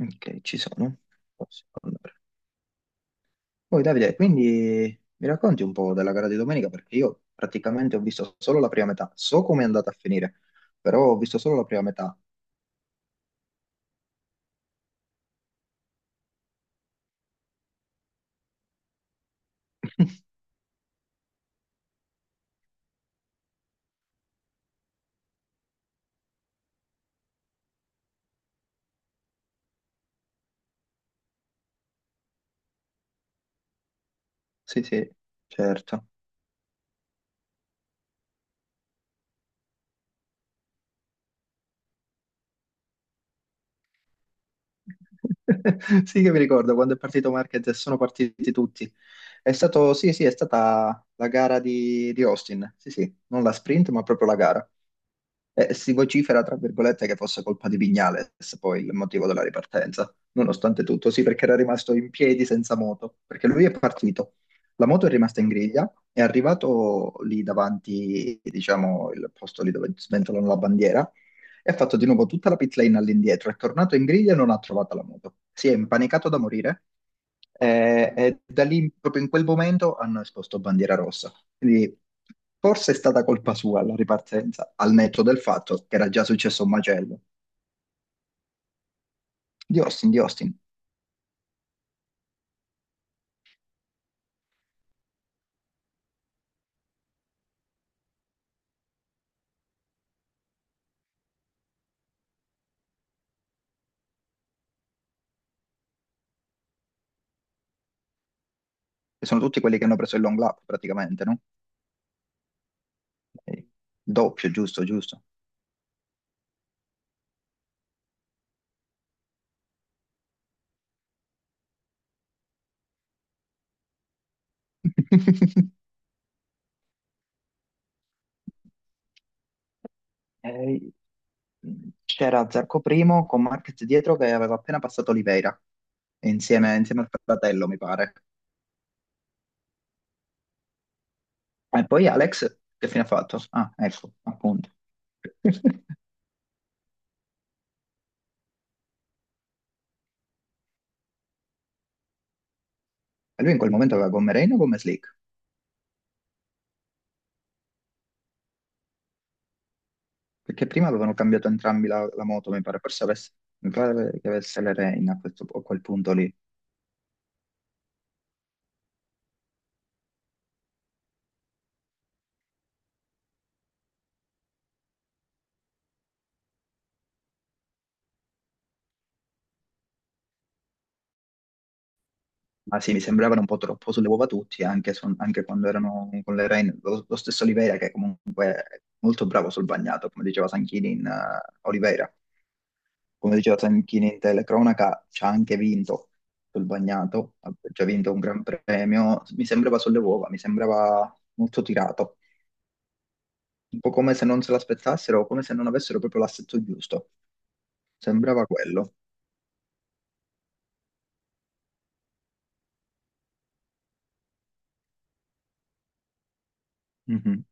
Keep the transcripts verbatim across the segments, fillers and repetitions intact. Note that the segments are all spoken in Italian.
Ok, ci sono. Posso andare. Poi Davide, quindi mi racconti un po' della gara di domenica perché io praticamente ho visto solo la prima metà. So come è andata a finire, però ho visto solo la prima metà. Sì, sì, certo. Sì che mi ricordo quando è partito Marquez e sono partiti tutti. È stato, sì, sì, è stata la gara di, di Austin, sì, sì, non la sprint, ma proprio la gara. E si vocifera, tra virgolette, che fosse colpa di Vignales, poi il motivo della ripartenza, nonostante tutto, sì, perché era rimasto in piedi senza moto, perché lui è partito, la moto è rimasta in griglia, è arrivato lì davanti, diciamo, il posto lì dove sventolano la bandiera, e ha fatto di nuovo tutta la pit lane all'indietro. È tornato in griglia e non ha trovato la moto. Si è impanicato da morire eh, e da lì, proprio in quel momento, hanno esposto bandiera rossa. Quindi forse è stata colpa sua la ripartenza, al netto del fatto che era già successo un macello. Di Austin, di Austin, che sono tutti quelli che hanno preso il long lap praticamente, no? Eh, doppio, giusto, giusto. E c'era Zarco Primo con Marquez dietro che aveva appena passato Oliveira, insieme, insieme al fratello, mi pare. E poi Alex, che fine ha fatto? Ah, ecco, appunto. E lui in quel momento aveva gomme Reino o gomme Slick? Perché prima avevano cambiato entrambi la, la moto, mi pare, forse avesse, mi pare che avesse le Reina a questo- a quel punto lì. Ma sì, mi sembravano un po' troppo sulle uova tutti, anche, son- anche quando erano con le Reine. Lo, lo stesso Oliveira, che comunque è molto bravo sul bagnato, come diceva Sanchini in eh, Oliveira, come diceva Sanchini in telecronaca, ci ha anche vinto sul bagnato, ha già vinto un gran premio. Mi sembrava sulle uova, mi sembrava molto tirato, un po' come se non se l'aspettassero, come se non avessero proprio l'assetto giusto. Sembrava quello. Mhm.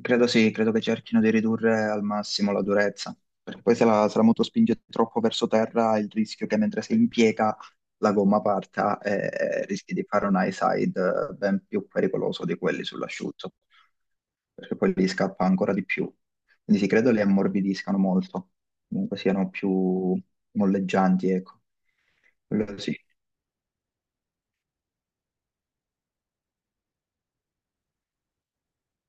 Credo sì, credo che cerchino di ridurre al massimo la durezza, perché poi se la, se la moto spinge troppo verso terra, il rischio è che mentre si impiega la gomma parta e rischi di fare un high side eh, ben più pericoloso di quelli sull'asciutto, perché poi lì scappa ancora di più. Quindi sì, credo li ammorbidiscano molto, comunque siano più molleggianti, ecco. Quello sì.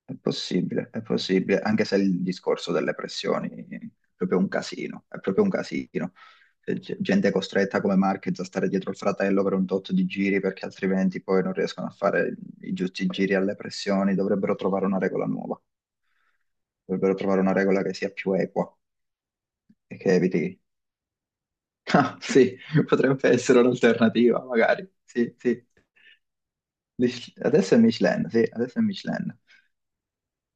È possibile, è possibile, anche se il discorso delle pressioni è proprio un casino, è proprio un casino. C'è g- gente costretta come Marquez a stare dietro il fratello per un tot di giri perché altrimenti poi non riescono a fare i giusti giri alle pressioni, dovrebbero trovare una regola nuova, dovrebbero trovare una regola che sia più equa e che eviti... Ah, sì, potrebbe essere un'alternativa, magari. Sì, sì. Mich- Adesso è Michelin, sì, adesso è Michelin.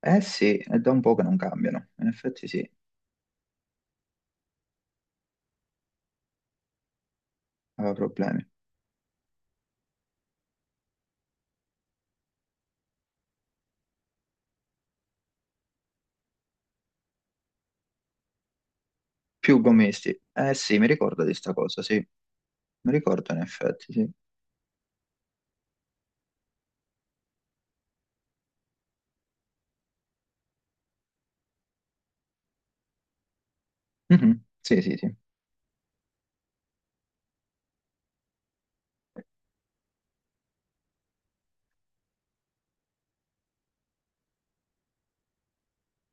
Eh sì, è da un po' che non cambiano, in effetti sì, aveva problemi. Più gommisti. Eh sì, mi ricordo di sta cosa, sì. Mi ricordo in effetti, sì. Mhm, sì, sì, sì.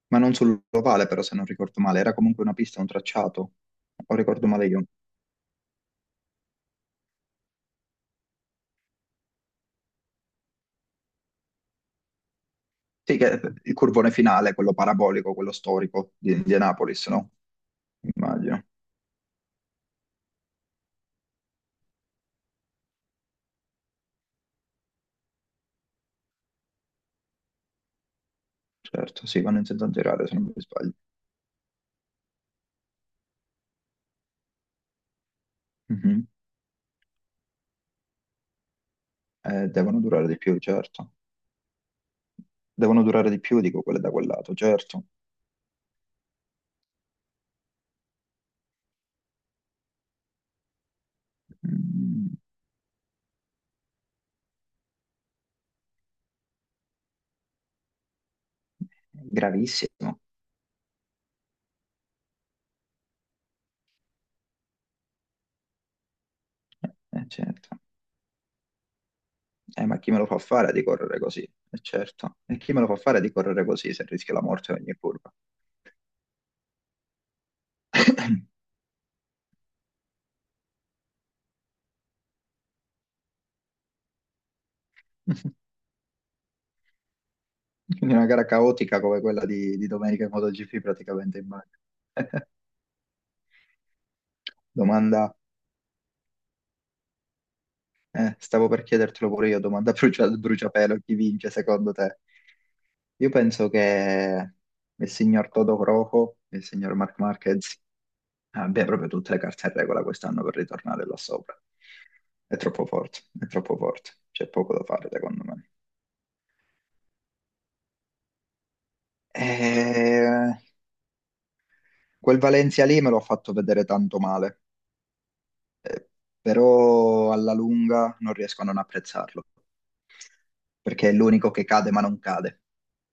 Ma non sull'ovale, però, se non ricordo male. Era comunque una pista, un tracciato. O ricordo male io. Sì, che il curvone finale, quello parabolico, quello storico di Indianapolis, no? Immagino. Certo, sì, vanno intentando girare, se non mi sbaglio. Mhm. Eh, devono durare di più, certo. Devono durare di più, dico, quelle da quel lato, certo. Mm, gravissimo. Eh, eh, certo. Eh, ma chi me lo fa fare di correre così? E certo. E chi me lo fa fare di correre così se rischia la morte a ogni curva? Quindi una gara caotica come quella di, di domenica in MotoGP praticamente in bagno. Domanda, eh, stavo per chiedertelo pure io, domanda brucia, bruciapelo, chi vince secondo te? Io penso che il signor Toto Croco e il signor Marc Marquez abbiano proprio tutte le carte in regola quest'anno per ritornare là sopra. È troppo forte, è troppo forte, c'è poco da fare secondo me. Eh, quel Valencia lì me l'ho fatto vedere tanto male, eh, però alla lunga non riesco a non apprezzarlo, perché è l'unico che cade ma non cade.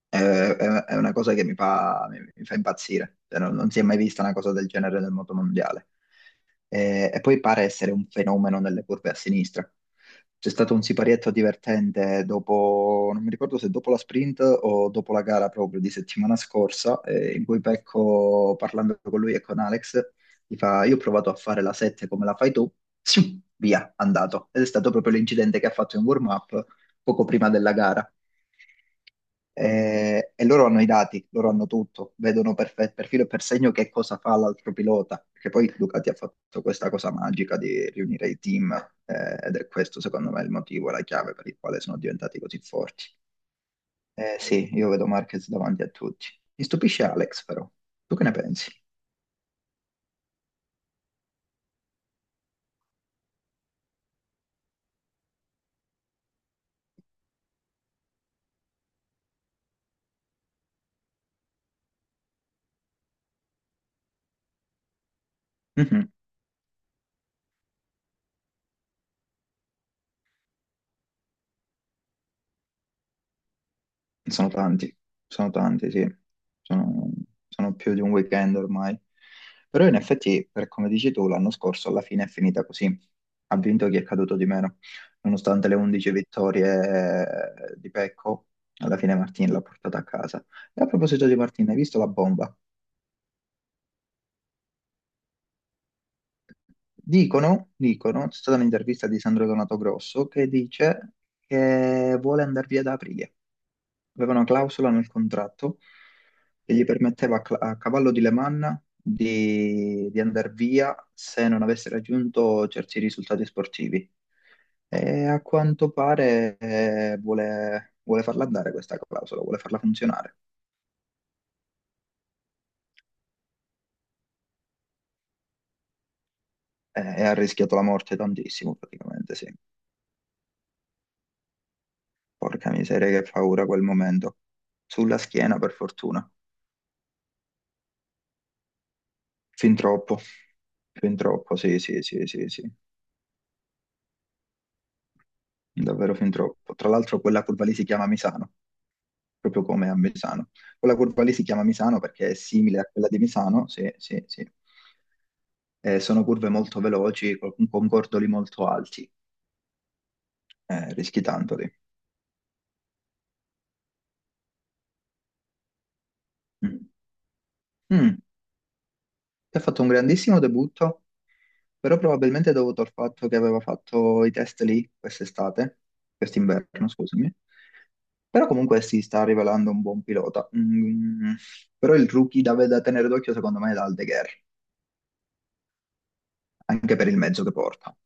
È, è- è una cosa che mi fa, mi- mi fa impazzire. Cioè, non, non si è mai vista una cosa del genere nel mondo mondiale. Eh, e poi pare essere un fenomeno nelle curve a sinistra. C'è stato un siparietto divertente dopo, non mi ricordo se dopo la sprint o dopo la gara proprio di settimana scorsa, eh, in cui Pecco, parlando con lui e con Alex, gli fa: Io ho provato a fare la sette come la fai tu, sì, via, andato. Ed è stato proprio l'incidente che ha fatto in warm-up poco prima della gara. Eh, e loro hanno i dati, loro hanno tutto, vedono per, fe- per filo e per segno che cosa fa l'altro pilota, perché poi Ducati ha fatto questa cosa magica di riunire i team, eh, ed è questo secondo me il motivo, la chiave per il quale sono diventati così forti. Eh, sì, io vedo Marquez davanti a tutti. Mi stupisce Alex però, tu che ne pensi? Mhm. Sono tanti, sono tanti, sì. Sono, sono più di un weekend ormai. Però in effetti, per come dici tu, l'anno scorso alla fine è finita così. Ha vinto chi è caduto di meno. Nonostante le undici vittorie eh, di Pecco, alla fine Martin l'ha portata a casa. E a proposito di Martin, hai visto la bomba? Dicono, dicono, c'è stata un'intervista di Sandro Donato Grosso che dice che vuole andare via da aprile. Aveva una clausola nel contratto che gli permetteva a, cla- a cavallo di Le Mans di, di andare via se non avesse raggiunto certi risultati sportivi. E a quanto pare eh, vuole, vuole farla andare questa clausola, vuole farla funzionare. Eh, E, ha rischiato la morte tantissimo, praticamente, sì. Porca miseria, che paura quel momento. Sulla schiena, per fortuna. Fin troppo, fin troppo, sì, sì, sì, sì, sì. Davvero fin troppo. Tra l'altro quella curva lì si chiama Misano, proprio come a Misano. Quella curva lì si chiama Misano perché è simile a quella di Misano, sì, sì, sì. Eh, sono curve molto veloci, con, con cordoli molto alti, eh, rischi tanto lì. Mm. Mm. Ti ha fatto un grandissimo debutto, però probabilmente è dovuto al fatto che aveva fatto i test lì quest'estate, quest'inverno, scusami. Però comunque si sta rivelando un buon pilota. Mm. Però il rookie da, da tenere d'occhio secondo me è Aldeguer, anche per il mezzo che porta.